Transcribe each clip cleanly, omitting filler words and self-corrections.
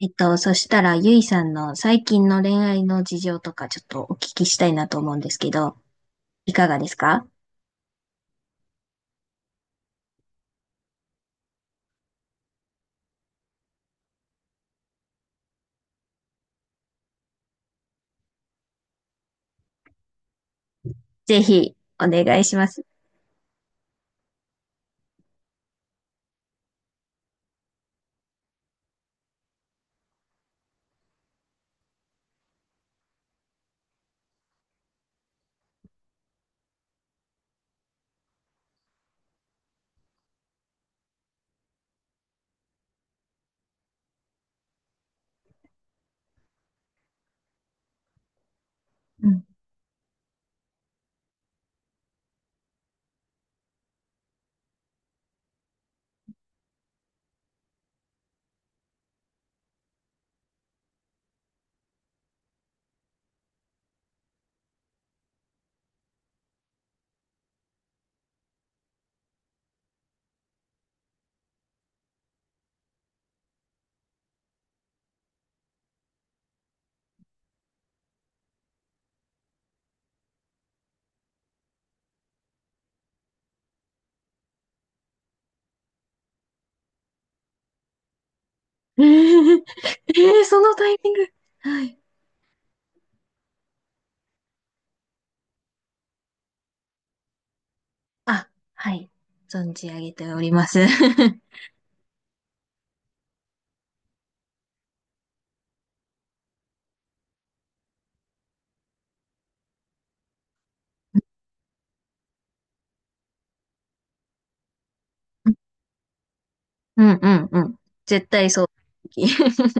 そしたら、ゆいさんの最近の恋愛の事情とかちょっとお聞きしたいなと思うんですけど、いかがですか？ぜひ、お願いします。うん。えー、そのタイミング。はい。あ、はい。存じ上げております。うんうんうん。絶対そう。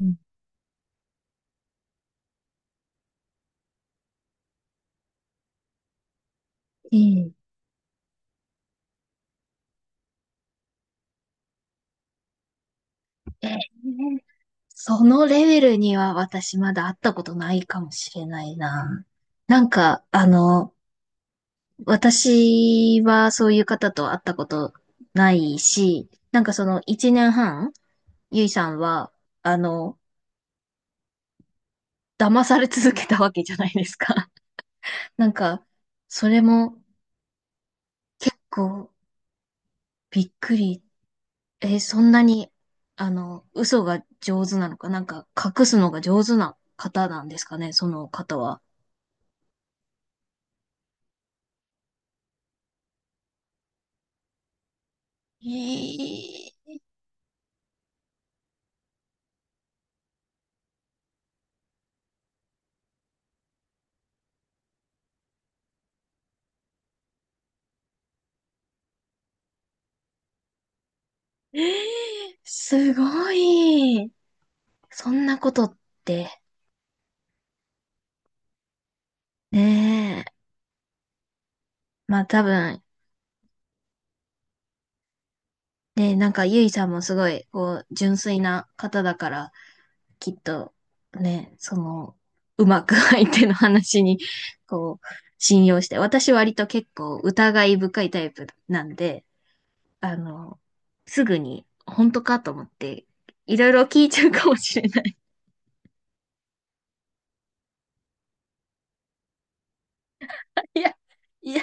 うん。えーえーそのレベルには私まだ会ったことないかもしれないな。なんか、あの、私はそういう方と会ったことないし、なんかその1年半、ゆいさんは、あの、騙され続けたわけじゃないですか。なんか、それも結構びっくり。えーそんなに、あの、嘘が上手なのか、なんか隠すのが上手な方なんですかね、その方は。えーすごい。そんなことって、ねえ。まあ多分、ね、なんか、ゆいさんもすごい、こう、純粋な方だから、きっと、ね、その、うまく 相手の話に、こう、信用して、私割と結構疑い深いタイプなんで、あの、すぐに、本当かと思って、いろいろ聞いちゃうかもしれない。いや、いや、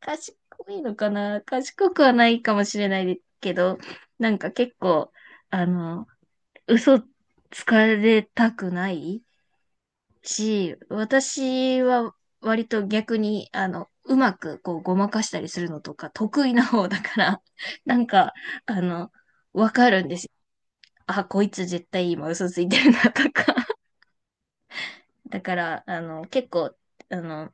賢いのかな。賢くはないかもしれないけど、なんか結構、あの、嘘つかれたくないし、私は割と逆に、あの、うまくこうごまかしたりするのとか得意な方だから、なんか、あの、わかるんですよ。あ、こいつ絶対今嘘ついてるなとか。だから、あの、結構、あの、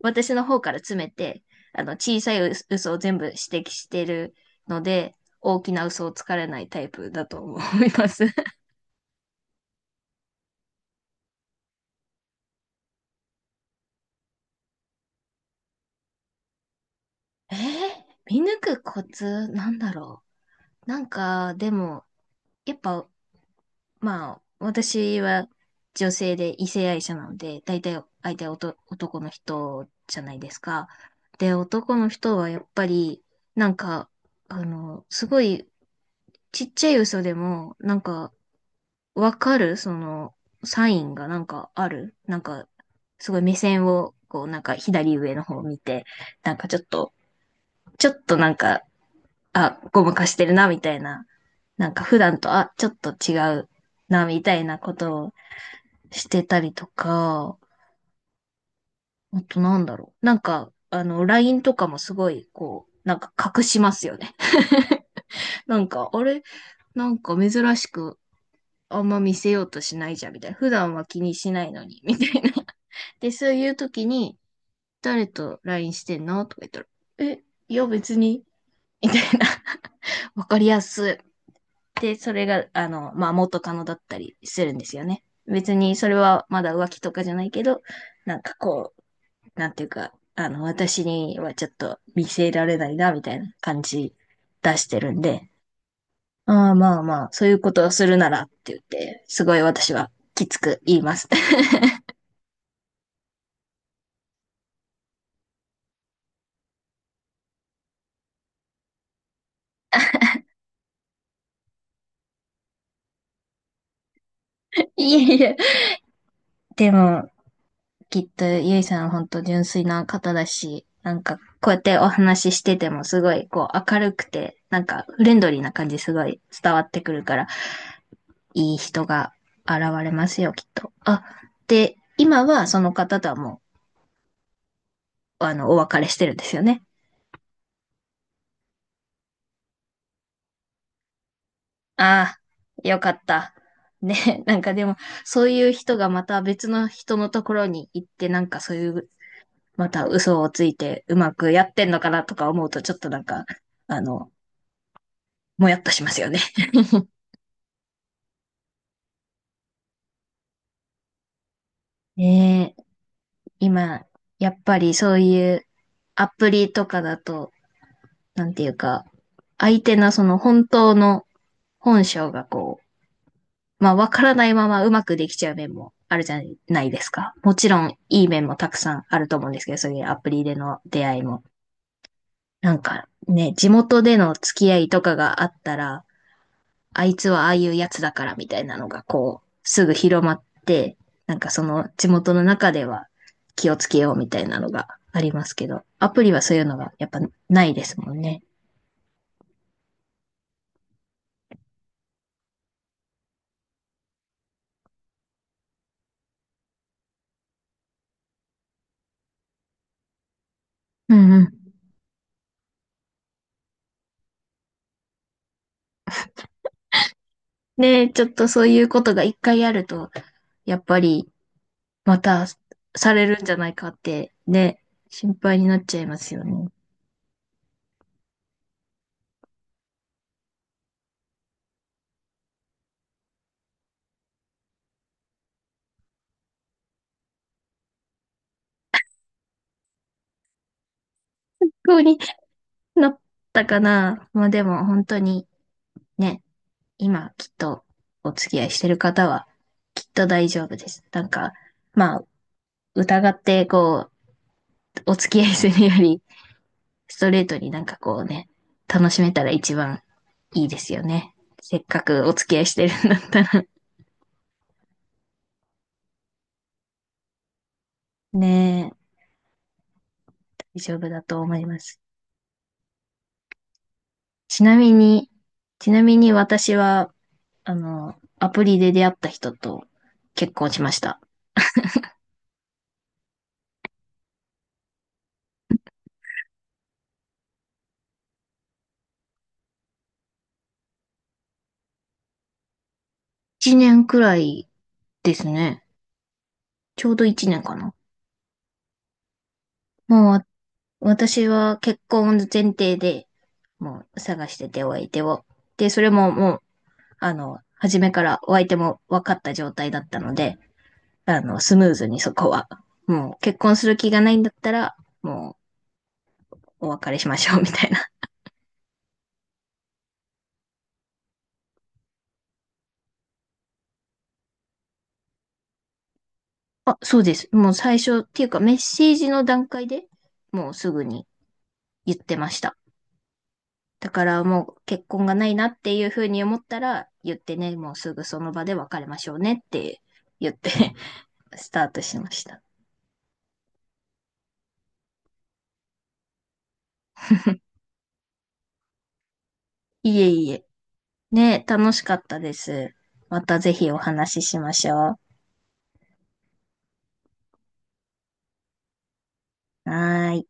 私の方から詰めて、あの、小さい嘘を全部指摘してるので、大きな嘘をつかれないタイプだと思います。えー、見抜くコツなんだろう。なんか、でも、やっぱまあ、私は女性で異性愛者なので、大体相手は男の人じゃないですか。で、男の人はやっぱり、なんか、あの、すごいちっちゃい嘘でも、なんか、わかるその、サインがなんかある。なんか、すごい目線を、こう、なんか左上の方を見て、なんかちょっと、ちょっとなんか、あ、ごまかしてるな、みたいな。なんか普段と、あ、ちょっと違うな、みたいなことをしてたりとか、あとなんだろう。なんか、あの、LINE とかもすごい、こう、なんか隠しますよね。なんか、あれ、なんか珍しくあんま見せようとしないじゃん、みたいな。普段は気にしないのに、みたいな。で、そういう時に、誰と LINE してんのとか言ったら、え、いや別に、みたいな。わかりやすい。で、それが、あの、まあ、元カノだったりするんですよね。別にそれはまだ浮気とかじゃないけど、なんかこう、なんていうか、あの、私にはちょっと見せられないな、みたいな感じ出してるんで、ああまあまあ、そういうことをするならって言って、すごい私はきつく言います。いえいえ。でも、きっとゆいさんは本当純粋な方だし、なんかこうやってお話ししててもすごいこう明るくて、なんかフレンドリーな感じすごい伝わってくるから、いい人が現れますよ、きっと。あ、で、今はその方とはもう、あの、お別れしてるんですよね。ああ、よかった。ね、なんかでも、そういう人がまた別の人のところに行って、なんかそういう、また嘘をついてうまくやってんのかなとか思うと、ちょっとなんか、あの、もやっとしますよね。ねえ、今、やっぱりそういうアプリとかだと、なんていうか、相手のその本当の本性がこう、まあ、わからないままうまくできちゃう面もあるじゃないですか。もちろん、いい面もたくさんあると思うんですけど、そういうアプリでの出会いも。なんか、ね、地元での付き合いとかがあったら、あいつはああいうやつだからみたいなのが、こう、すぐ広まって、なんかその地元の中では気をつけようみたいなのがありますけど、アプリはそういうのがやっぱないですもんね。うんうん。で、ちょっとそういうことが一回あると、やっぱりまたされるんじゃないかってね、心配になっちゃいますよね。不うになったかな。まあでも本当に、ね、今きっとお付き合いしてる方はきっと大丈夫です。なんか、まあ疑ってこう、お付き合いするよりストレートになんかこうね、楽しめたら一番いいですよね。せっかくお付き合いしてるんだったら。 ね、大丈夫だと思います。ちなみに、ちなみに、私はあの、アプリで出会った人と結婚しました。1年くらいですね。ちょうど1年かな。もう私は結婚前提で、もう探しててお相手を。で、それももう、あの、初めからお相手も分かった状態だったので、あの、スムーズにそこは。もう結婚する気がないんだったら、もうお別れしましょうみたいな。あ、そうです。もう最初っていうかメッセージの段階でもうすぐに言ってました。だからもう結婚がないなっていうふうに思ったら言ってね、もうすぐその場で別れましょうねって言って スタートしました。いえいえ。ね、楽しかったです。またぜひお話ししましょう。はーい。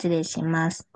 失礼します。